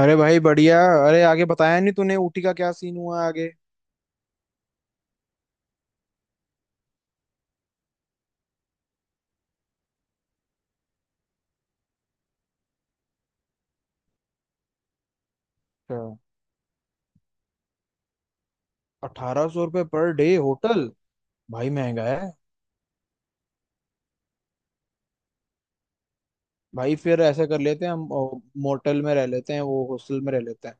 अरे भाई बढ़िया। अरे आगे बताया नहीं तूने ऊटी का क्या सीन हुआ आगे? अच्छा, 1,800 रुपये पर डे होटल? भाई महंगा है। भाई फिर ऐसे कर लेते हैं हम मोटल में रह लेते हैं, वो हॉस्टल में रह लेते हैं।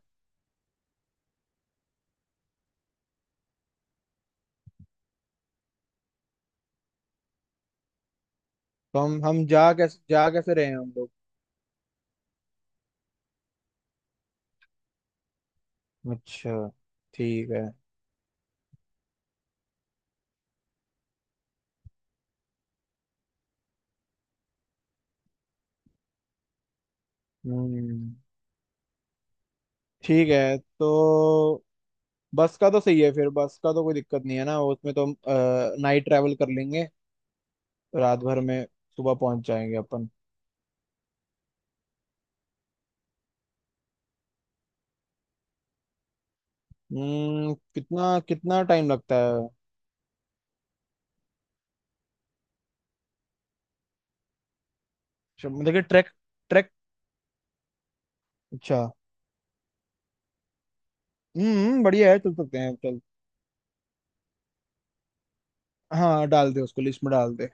तो हम जा कैसे रहे हैं हम लोग? अच्छा, ठीक है। हम्म ठीक है तो। बस का तो सही है फिर। बस का तो कोई दिक्कत नहीं है ना, उसमें तो हम नाइट ट्रैवल कर लेंगे। रात भर में सुबह पहुंच जाएंगे अपन। कितना कितना टाइम लगता है? अच्छा, मतलब कि ट्रैक ट्रैक। अच्छा। बढ़िया है, चल सकते हैं चल। हाँ, डाल दे उसको, लिस्ट में डाल दे।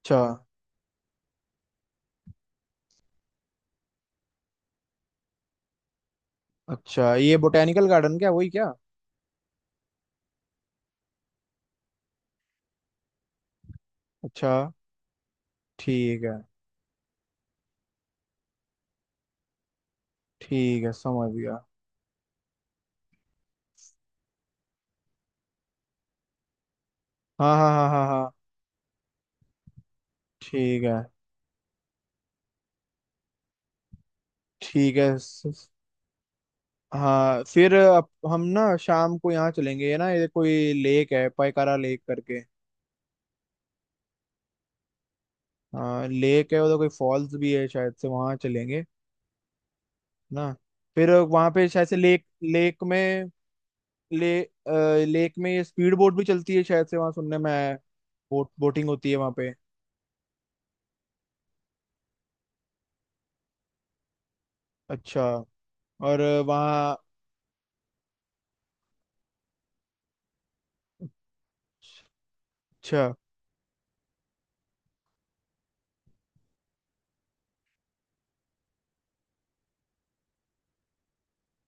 अच्छा। अच्छा, ये बोटेनिकल गार्डन क्या, वही क्या? अच्छा। ठीक है। ठीक है, समझ गया। हाँ, हाँ, हाँ, हाँ, हाँ। ठीक है। ठीक है। हाँ फिर हम ना शाम को यहाँ चलेंगे, ये ना ये कोई लेक है पायकारा लेक करके। हाँ, लेक है उधर, कोई फॉल्स भी है शायद से, वहाँ चलेंगे ना। फिर वहाँ पे शायद से लेक लेक में। ले अ, लेक में स्पीड बोट भी चलती है शायद से, वहां सुनने में आया है। बोटिंग होती है वहां पे। अच्छा। और वहाँ। अच्छा।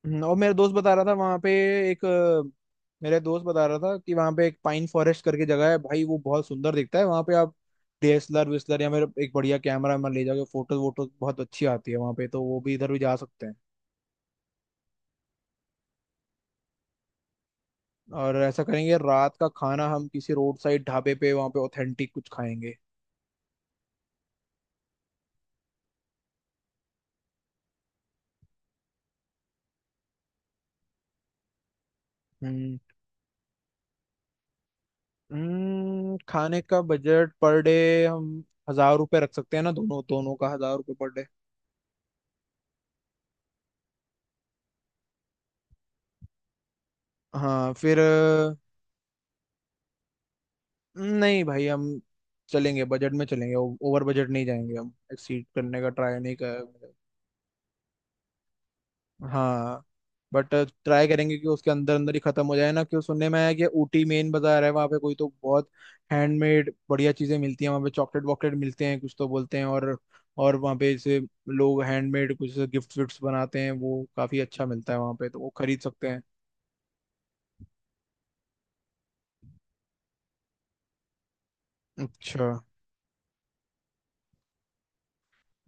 और मेरा दोस्त बता रहा था वहाँ पे एक मेरा दोस्त बता रहा था कि वहाँ पे एक पाइन फॉरेस्ट करके जगह है भाई, वो बहुत सुंदर दिखता है। वहाँ पे आप डीएसएलआर विस्लर या मेरे एक बढ़िया कैमरा में ले जाके फोटो वोटो बहुत अच्छी आती है वहाँ पे, तो वो भी इधर भी जा सकते हैं। और ऐसा करेंगे, रात का खाना हम किसी रोड साइड ढाबे पे वहाँ पे ऑथेंटिक कुछ खाएंगे। हम्म। खाने का बजट पर डे। हम 1,000 रुपए रख सकते हैं ना, दोनों दोनों का 1,000 रुपए पर डे। हाँ फिर नहीं भाई, हम चलेंगे बजट में चलेंगे, ओवर बजट नहीं जाएंगे, हम एक्सीड करने का ट्राई नहीं कर। हाँ बट ट्राई करेंगे कि उसके अंदर अंदर ही खत्म हो जाए ना, क्यों सुनने में आया कि ऊटी मेन बाजार है वहाँ पे, कोई तो बहुत हैंडमेड बढ़िया चीजें मिलती हैं वहाँ पे, चॉकलेट वॉकलेट मिलते हैं कुछ, तो बोलते हैं। और वहाँ पे जैसे लोग हैंडमेड कुछ गिफ्ट विफ्ट बनाते हैं, वो काफी अच्छा मिलता है वहाँ पे, तो वो खरीद सकते हैं। अच्छा।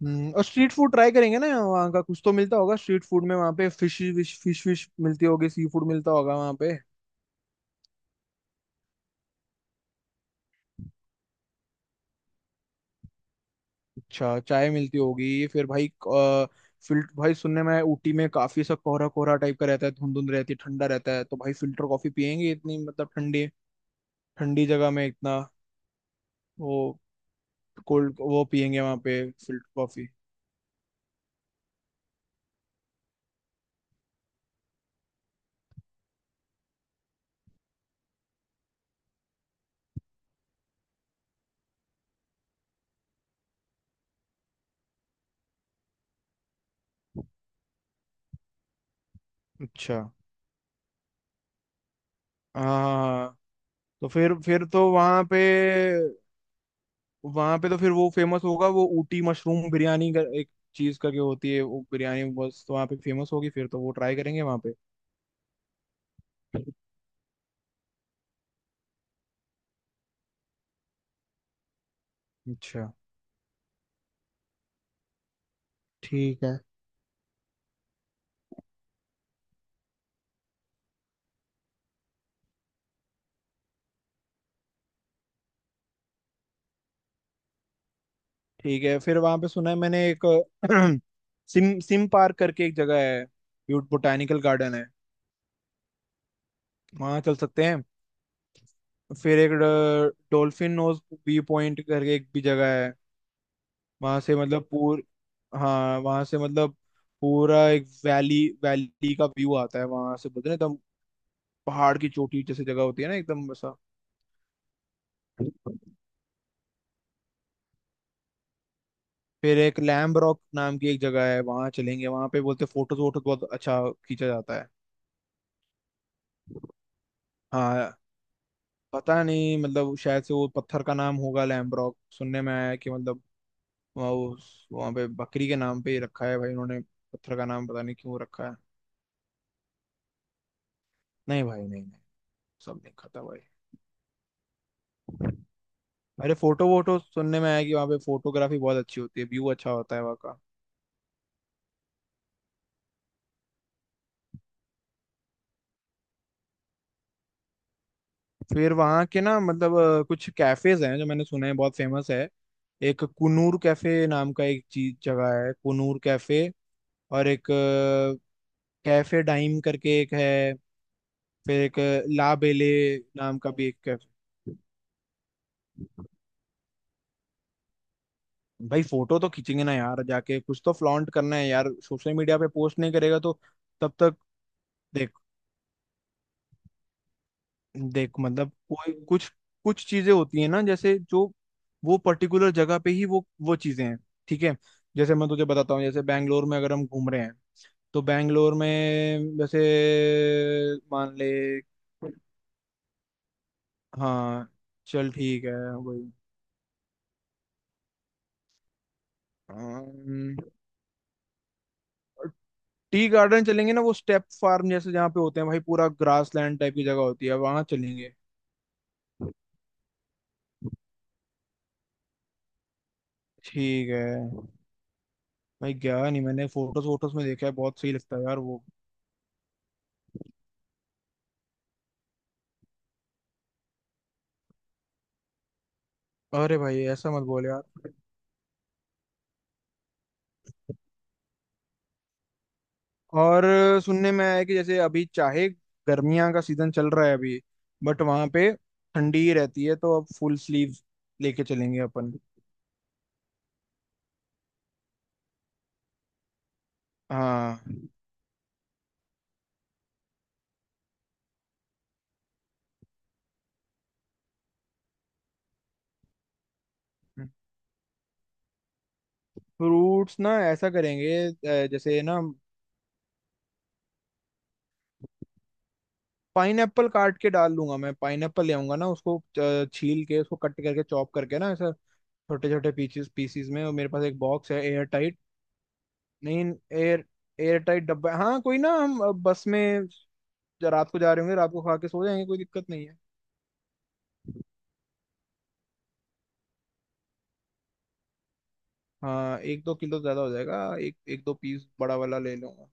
और स्ट्रीट फूड ट्राई करेंगे ना वहाँ का, कुछ तो मिलता होगा स्ट्रीट फूड में वहाँ पे, फिश विश मिलती होगी, सी फूड मिलता होगा वहाँ पे। अच्छा, चाय मिलती होगी फिर भाई फिल्ट भाई सुनने में आया, ऊटी में काफी सा कोहरा कोहरा टाइप का रहता है, धुंध धुंध रहती है, ठंडा रहता है, तो भाई फिल्टर कॉफी पियेंगे इतनी मतलब ठंडी। ठंडी जगह में इतना। वो कोल्ड वो पियेंगे वहां पे फिल्टर कॉफी। अच्छा। हाँ, हाँ, हाँ। तो फिर तो वहां पे तो फिर वो फेमस होगा, वो ऊटी मशरूम बिरयानी का एक चीज करके होती है वो बिरयानी बस, तो वहां पे फेमस होगी फिर तो वो ट्राई करेंगे वहां पे। अच्छा। ठीक है। ठीक है, फिर वहां पे सुना है मैंने एक सिम सिम पार्क करके एक जगह है, ब्यूट बोटानिकल गार्डन है। वहां चल सकते हैं। फिर एक डॉल्फिन नोज व्यू पॉइंट करके एक भी जगह है। वहां से मतलब पूर हाँ, वहां से मतलब पूरा एक वैली वैली का व्यू आता है वहां से, बोलते हैं ना एकदम, पहाड़ की चोटी जैसी जगह होती है ना एकदम वैसा। फिर एक लैम्ब रॉक नाम की एक जगह है, वहां चलेंगे, वहां पे बोलते फोटोज वोटोज बहुत अच्छा खींचा जाता है। हाँ, पता नहीं मतलब, शायद से वो पत्थर का नाम होगा लैम्ब्रोक सुनने में आया है कि मतलब, वहाँ पे बकरी के नाम पे ही रखा है भाई उन्होंने, पत्थर का नाम पता नहीं क्यों रखा है। नहीं भाई, नहीं, नहीं। सब नहीं खाता भाई। अरे, फोटो वोटो सुनने में आया कि वहाँ पे फोटोग्राफी बहुत अच्छी होती है, व्यू अच्छा होता है वहाँ का। फिर वहाँ के ना मतलब कुछ कैफेज हैं जो मैंने सुना है बहुत फेमस है। एक कुनूर कैफे नाम का एक चीज जगह है, कुनूर कैफे। और एक कैफे डाइम करके एक है। फिर एक ला बेले नाम का भी एक कैफे। भाई, फोटो तो खींचेंगे ना यार, जाके कुछ तो फ्लॉन्ट करना है यार, सोशल मीडिया पे पोस्ट नहीं करेगा तो। तब तक देख देख, मतलब कोई कुछ, कुछ चीजें होती है ना, जैसे जो वो पर्टिकुलर जगह पे ही वो चीजें हैं। ठीक है। जैसे मैं तुझे बताता हूँ, जैसे बैंगलोर में अगर हम घूम रहे हैं, तो बैंगलोर में जैसे मान ले। हाँ चल, ठीक है वही। हाँ, टी गार्डन चलेंगे ना, वो स्टेप फार्म जैसे जहाँ पे होते हैं भाई, पूरा ग्रास लैंड टाइप की जगह होती है, वहां चलेंगे। ठीक है। भाई गया नहीं, मैंने फोटोज वोटोज में देखा है, बहुत सही लगता है यार वो। अरे भाई, ऐसा मत बोल यार। और सुनने में आया है कि, जैसे अभी चाहे गर्मियां का सीजन चल रहा है अभी, बट वहां पे ठंडी ही रहती है, तो अब फुल स्लीव लेके चलेंगे अपन। हाँ। फ्रूट्स ना ऐसा करेंगे, जैसे ना, पाइनएप्पल काट के डाल लूंगा मैं, पाइनएप्पल ले आऊंगा ना उसको, छील के, उसको कट करके चॉप करके ना ऐसा छोटे छोटे पीसेस पीसीस में, और मेरे पास एक बॉक्स है एयर टाइट। नहीं, एयर एयर टाइट डब्बा, हाँ कोई ना, हम बस में रात को जा रहे होंगे, रात को खा के सो जाएंगे, कोई दिक्कत नहीं है। हाँ, एक दो किलो ज्यादा हो जाएगा। एक एक दो पीस बड़ा वाला ले लूंगा।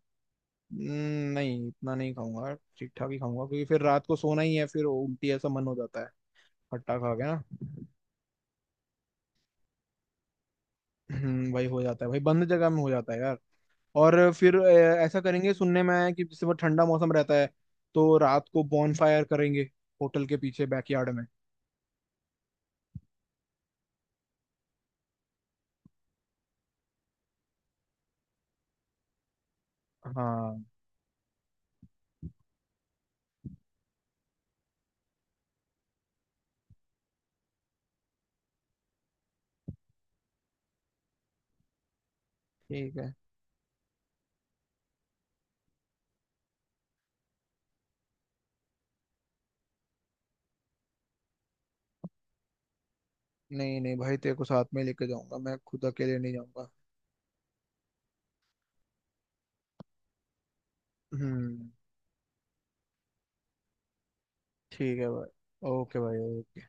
नहीं इतना नहीं खाऊंगा, ठीक ठाक ही खाऊंगा, क्योंकि फिर रात को सोना ही है, फिर उल्टी ऐसा मन हो जाता है खट्टा खा के ना। वही हो जाता है भाई, बंद जगह में हो जाता है यार। और फिर ऐसा करेंगे, सुनने में आया है कि जैसे वो ठंडा मौसम रहता है, तो रात को बॉनफायर करेंगे होटल के पीछे बैकयार्ड में। हाँ। ठीक है। नहीं नहीं भाई, तेरे को साथ में लेके जाऊंगा, मैं खुद अकेले नहीं जाऊंगा। हम्म, ठीक है भाई, ओके भाई।